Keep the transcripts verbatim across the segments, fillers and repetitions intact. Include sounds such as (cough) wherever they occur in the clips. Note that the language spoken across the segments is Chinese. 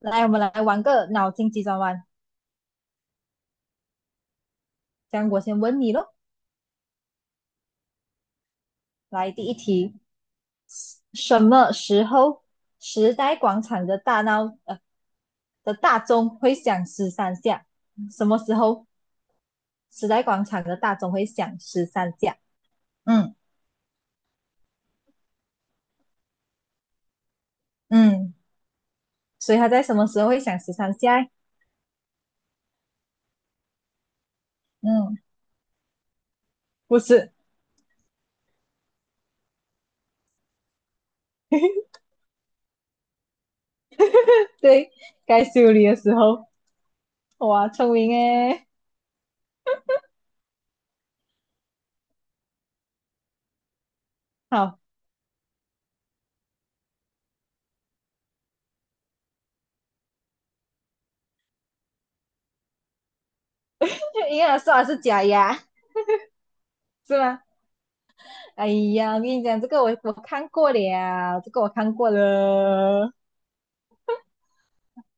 来，我们来玩个脑筋急转弯。这样，我先问你咯。来，第一题，什么时候时代广场的大闹呃的大钟会响十三下？什么时候时代广场的大钟会响十三下？嗯嗯，所以它在什么时候会响十三下？嗯，不是，(laughs) 对，该修理的时候。哇，聪明诶。好，(laughs) 就应该说它是假牙，是吗？哎呀，我跟你讲，这个我我看过了，这个我看过了。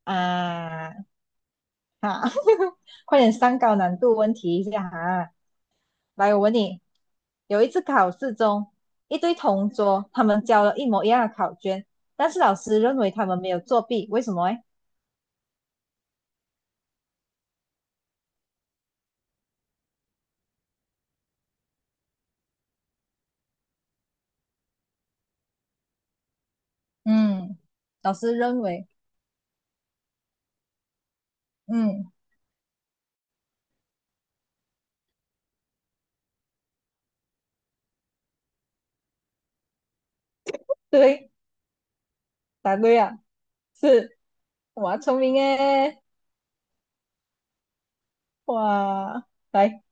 啊哈，(laughs) 快点上高难度问题一下哈。来，我问你，有一次考试中，一对同桌他们交了一模一样的考卷，但是老师认为他们没有作弊，为什么诶？嗯，老师认为，嗯，对，答对了，是，哇，聪明诶，哇，来。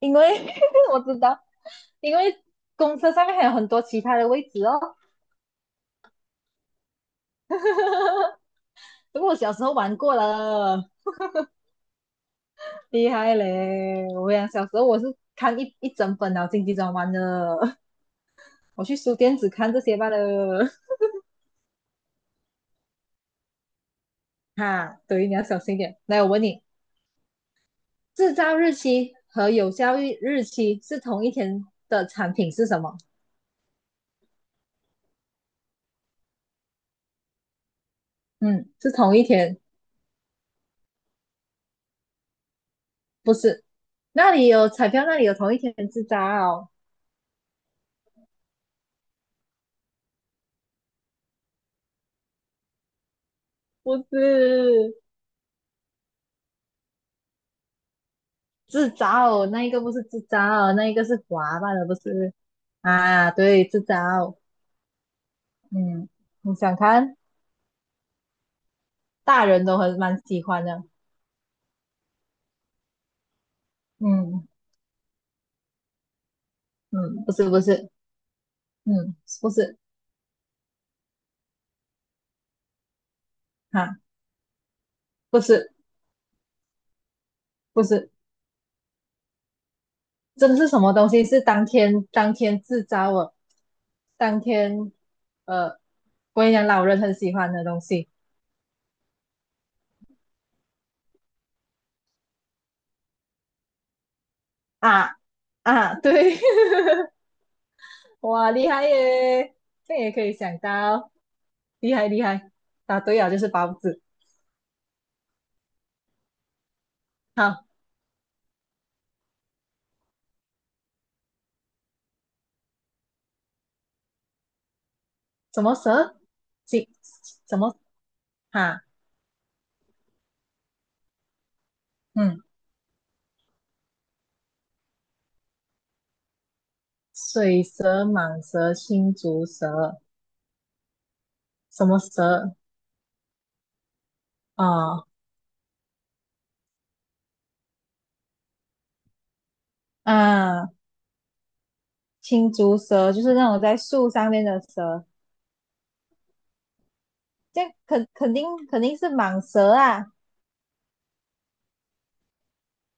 因为 (laughs) 我知道，因为公车上面还有很多其他的位置哦。(laughs) 不过我小时候玩过了，厉害嘞！我讲小时候我是看一一整本了《经济专栏》的，我去书店只看这些罢了。(laughs) 哈，对，你要小心一点。来，我问你，制造日期和有效日期是同一天的产品是什么？嗯，是同一天，不是？那里有彩票，那里有同一天制造，不是？自找，那一个不是自找，那一个是滑吧的，不是啊？对，自找。嗯，你想看，大人都很蛮喜欢的。嗯嗯，不是不是，嗯不是啊，不是不是，真的是什么东西？是当天当天自找哦，当天呃，我跟你讲，老人很喜欢的东西啊啊，对，(laughs) 哇，厉害耶，这也可以想到，厉害厉害，答对了就是包子。好，什么蛇？金什么哈？嗯，水蛇、蟒蛇、青竹蛇，什么蛇？哦，啊，青竹蛇就是那种在树上面的蛇，这样肯肯定肯定是蟒蛇啊，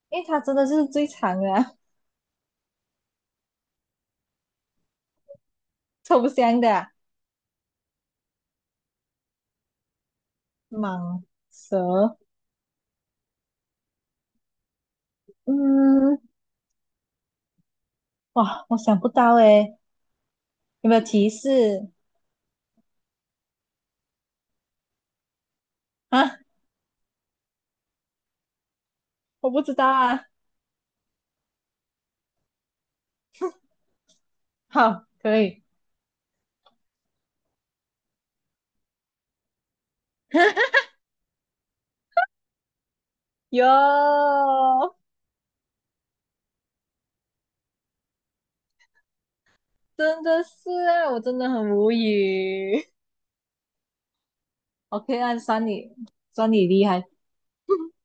因为它真的是最长的啊，(laughs) 臭不香的啊蟒蛇。嗯，哇，我想不到诶，有没有提示啊？我不知道啊。好，可以。(laughs) 有。真的是啊，我真的很无语。(laughs) OK,按算你算你厉害。(laughs)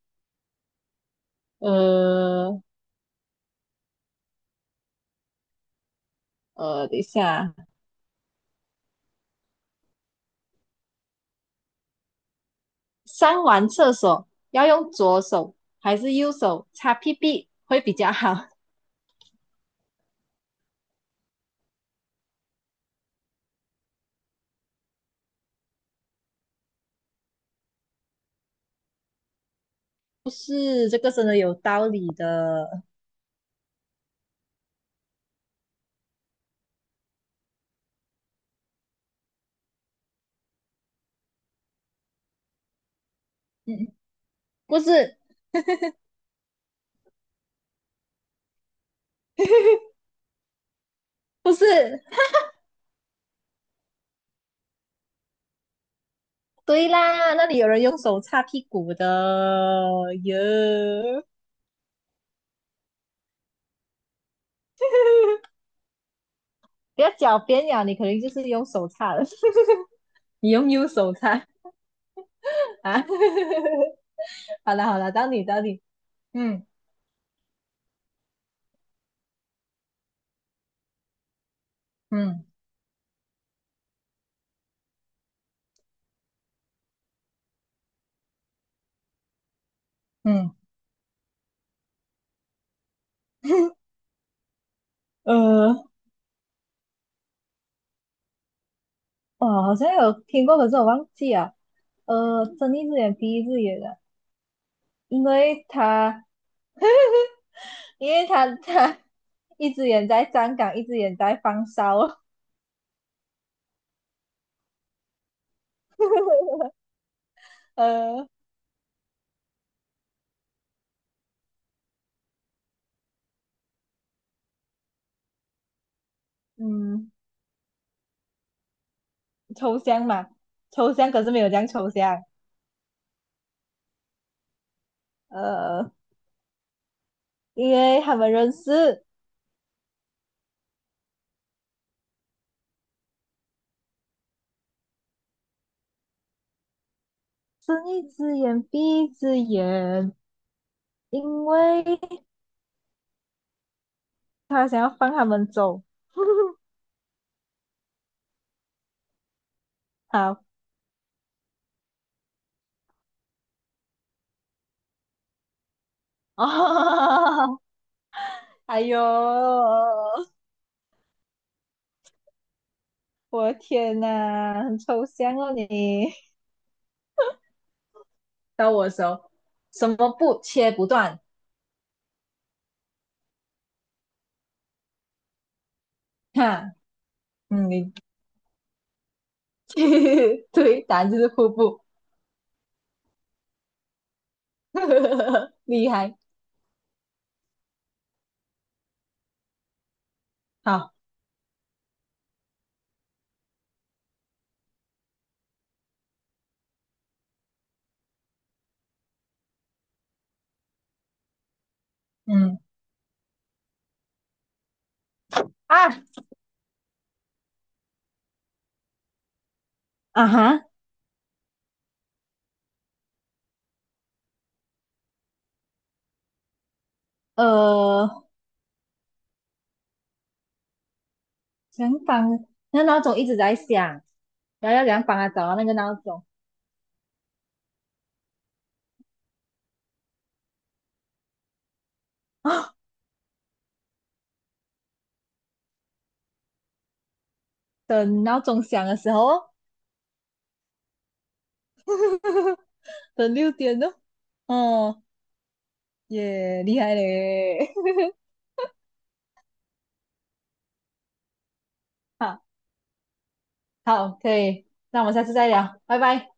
呃呃，等一下，上完厕所要用左手还是右手擦屁屁会比较好？(laughs) 不是，这个真的有道理的。嗯，嗯不是不是，对啦，那里有人用手擦屁股的哟。不要狡辩呀，你肯定就是用手擦的，(laughs) 你用右手擦啊。(laughs) 好了好了，到你到你，嗯嗯嗯，呃，哦，好像有听过，可是我忘记了。呃，睁一只眼闭一只眼的，因为他因为他他 (laughs) 一只眼在站岗，一只眼在放哨。(laughs) 呃，嗯，抽象嘛，抽象可是没有这样抽象。呃，因为他们认识，睁一只眼闭一只眼，因为他想要放他们走。好，(laughs) 哦，哎呦，我的天呐，很抽象哦你。到我的时候，什么布切不断？哈，嗯，你 (laughs) 对，答案 (laughs) 就是瀑布，(laughs) 厉害。好，嗯啊啊哈，呃，想帮那闹钟一直在响，然后要怎样帮他找到那个闹钟啊？等闹钟响的时候哦，(laughs) 等六点哦。哦，耶，厉害嘞。(laughs) 好好，可以，那我们下次再聊，拜拜。